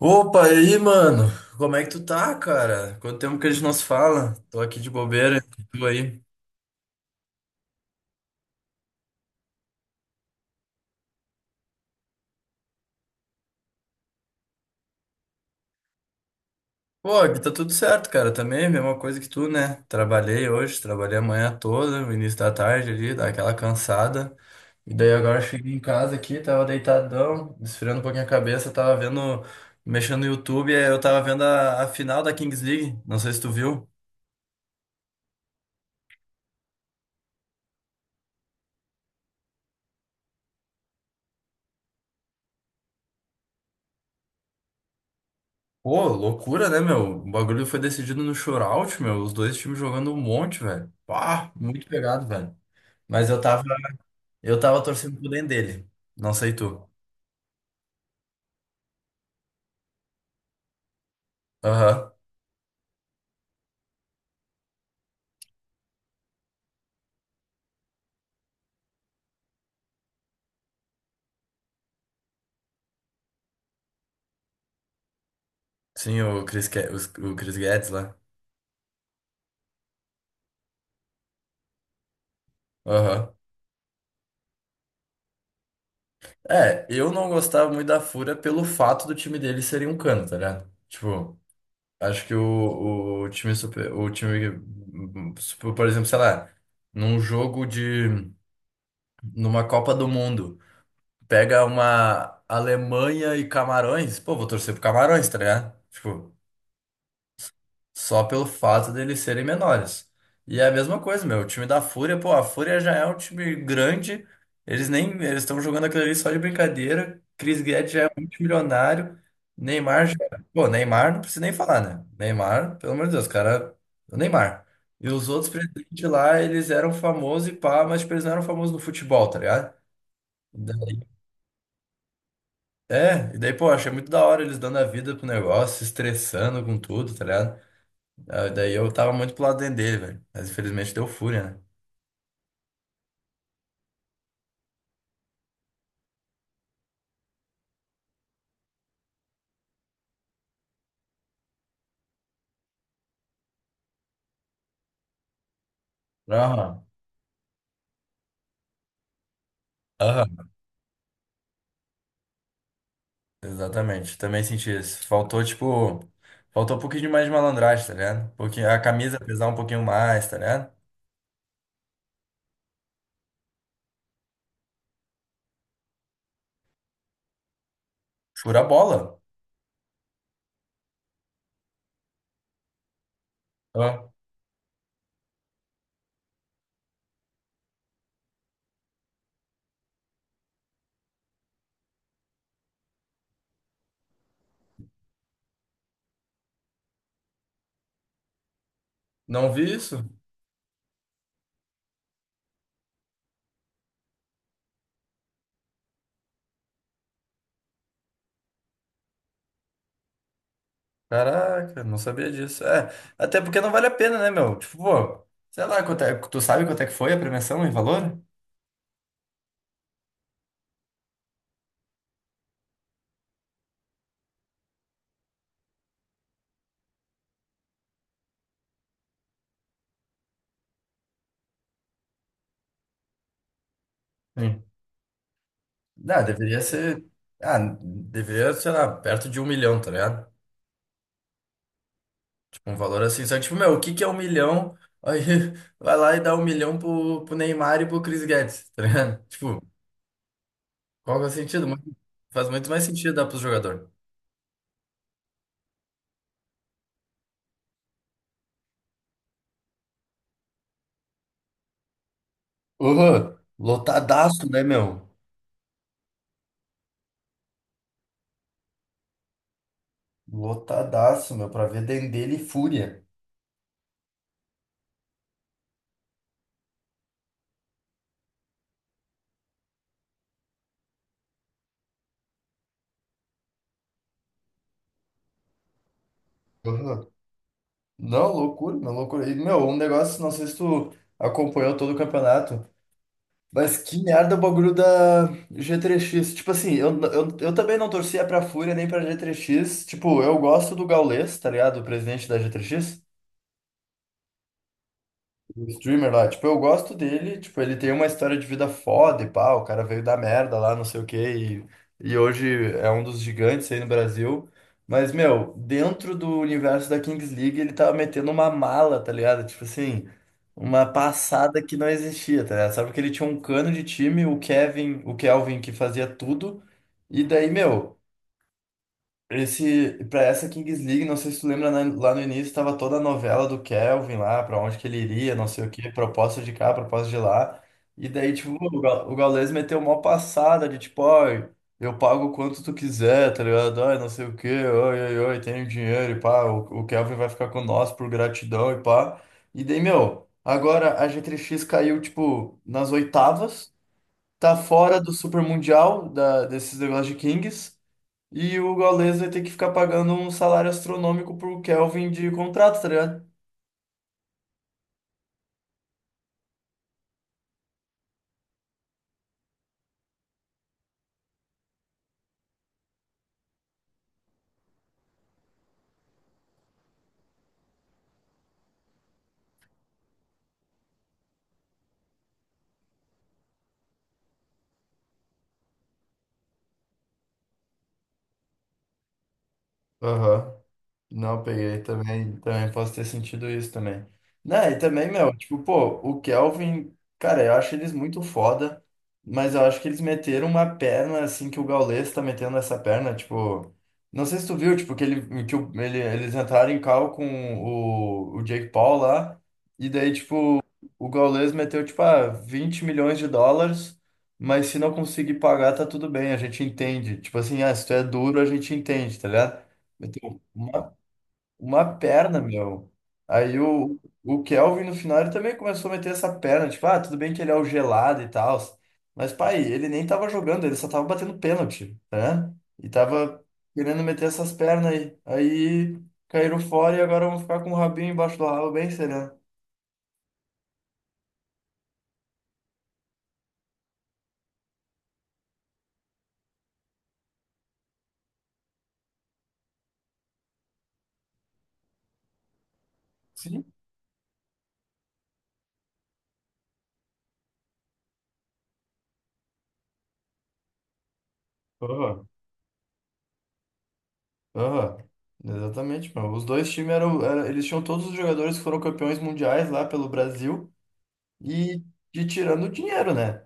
Opa, e aí, mano? Como é que tu tá, cara? Quanto tempo que a gente não se fala? Tô aqui de bobeira, e tu aí? Pô, aqui tá tudo certo, cara. Também, mesma coisa que tu, né? Trabalhei hoje, trabalhei a manhã toda, no início da tarde ali, dá aquela cansada. E daí agora eu cheguei em casa aqui, tava deitadão, esfriando um pouquinho a cabeça, tava vendo, mexendo no YouTube, e aí eu tava vendo a final da Kings League. Não sei se tu viu. Pô, loucura, né, meu? O bagulho foi decidido no shootout, meu. Os dois times jogando um monte, velho. Pá, muito pegado, velho. Mas eu tava, eu tava torcendo pro Dendê dele. Não sei tu. Aham. Sim, o Chris Guedes lá. Aham. É, eu não gostava muito da Fúria pelo fato do time dele serem um cano, tá ligado? Tipo, acho que o o time, por exemplo, sei lá, num jogo de, numa Copa do Mundo. Pega uma Alemanha e Camarões, pô, vou torcer pro Camarões, tá ligado? Tipo, só pelo fato deles serem menores. E é a mesma coisa, meu, o time da Fúria, pô, a Fúria já é um time grande, eles nem, eles estão jogando aquilo ali só de brincadeira, Chris Guedes já é multimilionário, Neymar, já, pô, Neymar não precisa nem falar, né? Neymar, pelo amor de Deus, cara, o Neymar. E os outros presidentes lá, eles eram famosos e pá, mas tipo, eles não eram famosos no futebol, tá ligado? Então, é, e daí, pô, achei muito da hora eles dando a vida pro negócio, se estressando com tudo, tá ligado? Ah, daí eu tava muito pro lado dele, velho. Mas infelizmente deu fúria, né? Aham. Aham. Exatamente. Também senti isso. Faltou, tipo. Faltou um pouquinho mais de malandragem, tá ligado? Porque a camisa pesar um pouquinho mais, tá ligado? Fura a bola. Ó, não vi isso? Caraca, não sabia disso. É, até porque não vale a pena, né, meu? Tipo, pô, sei lá, tu sabe quanto é que foi a premiação em valor? Sim. Ah, deveria ser. Ah, deveria, sei lá, perto de 1 milhão, tá ligado? Tipo, um valor assim. Só que, tipo, meu, o que que é 1 milhão? Aí vai lá e dá 1 milhão pro Neymar e pro Chris Guedes, tá ligado? Tipo, qual que é o sentido? Faz muito mais sentido dar pro jogador. Uhum. Lotadaço, né, meu? Lotadaço, meu, pra ver Dendele e Fúria. Uhum. Não, loucura, meu, loucura. E, meu, um negócio, não sei se tu acompanhou todo o campeonato. Mas que merda o bagulho da G3X. Tipo assim, eu também não torcia pra Fúria nem pra G3X. Tipo, eu gosto do Gaules, tá ligado? O presidente da G3X. O streamer lá, tipo, eu gosto dele, tipo, ele tem uma história de vida foda e pá, o cara veio da merda lá, não sei o quê, e hoje é um dos gigantes aí no Brasil. Mas, meu, dentro do universo da Kings League, ele tava metendo uma mala, tá ligado? Tipo assim, uma passada que não existia, tá ligado? Sabe porque ele tinha um cano de time, o Kelvin que fazia tudo, e daí, meu. Esse, pra essa Kings League, não sei se tu lembra, né, lá no início estava toda a novela do Kelvin lá, pra onde que ele iria, não sei o quê, proposta de cá, proposta de lá. E daí, tipo, o Gaules meteu uma passada de tipo, ó, eu pago quanto tu quiser, tá ligado? Ai, não sei o quê, oi, oi, oi, tenho dinheiro e pá, o Kelvin vai ficar com nós por gratidão e pá. E daí, meu, agora a G3X caiu, tipo, nas oitavas, tá fora do Super Mundial da, desses negócios de Kings. E o Gaules vai ter que ficar pagando um salário astronômico pro Kelvin de contrato, tá ligado? Aham. Não, peguei também, também posso ter sentido isso também. Né, e também, meu, tipo, pô, o Kelvin, cara, eu acho eles muito foda, mas eu acho que eles meteram uma perna assim que o Gaules tá metendo essa perna, tipo, não sei se tu viu, tipo, que ele, que o- ele, eles entraram em cal com o Jake Paul lá, e daí, tipo, o Gaules meteu, tipo, ah, 20 milhões de dólares, mas se não conseguir pagar, tá tudo bem, a gente entende. Tipo assim, ah, se tu é duro, a gente entende, tá ligado? Meteu uma perna, meu. Aí o Kelvin no final ele também começou a meter essa perna, tipo, ah, tudo bem que ele é o gelado e tal. Mas, pai, ele nem tava jogando, ele só tava batendo pênalti, né? E tava querendo meter essas pernas aí. Aí caíram fora e agora vão ficar com o rabinho embaixo do rabo bem sereno. Sim. Aham, aham. Exatamente, meu. Os dois times eles tinham todos os jogadores que foram campeões mundiais lá pelo Brasil e de tirando o dinheiro, né?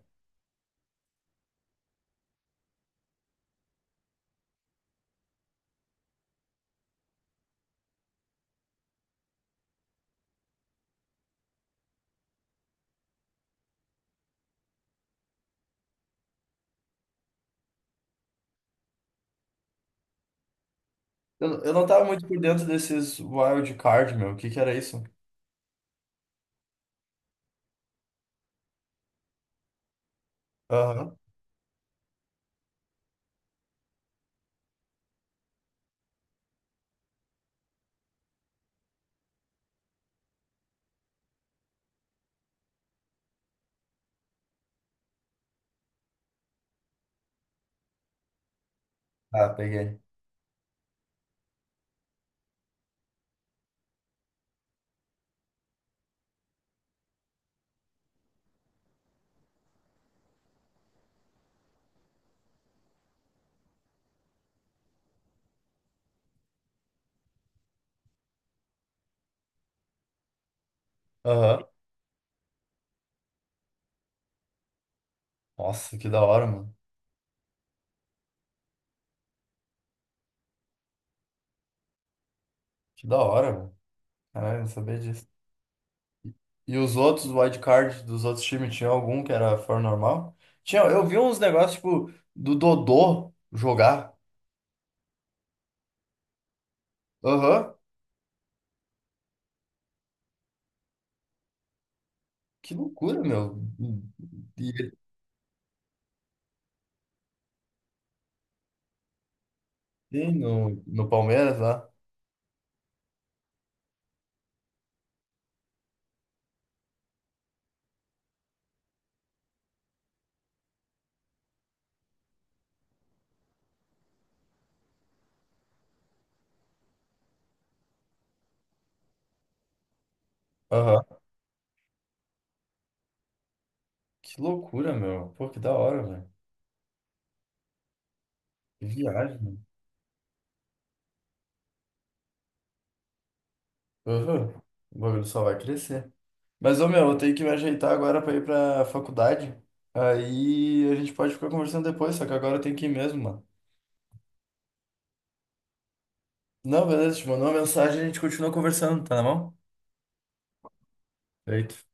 Eu não tava muito por dentro desses wild card, meu. O que que era isso? Aham. Ah, peguei. Aham. Nossa, que da hora, mano. Que da hora, mano. Caralho, eu não sabia disso. E os outros wild card dos outros times, tinha algum que era fora normal? Tinha, eu vi uns negócios, tipo, do Dodô jogar. Aham. Que loucura, meu. E ele tem no Palmeiras lá. Aham. Que loucura, meu. Pô, que da hora, velho. Que viagem, mano. Aham. O bagulho só vai crescer. Mas, ô meu, eu tenho que me ajeitar agora pra ir pra faculdade. Aí a gente pode ficar conversando depois, só que agora eu tenho que ir mesmo, mano. Não, beleza, te mandou uma mensagem e a gente continua conversando, tá na mão? Feito.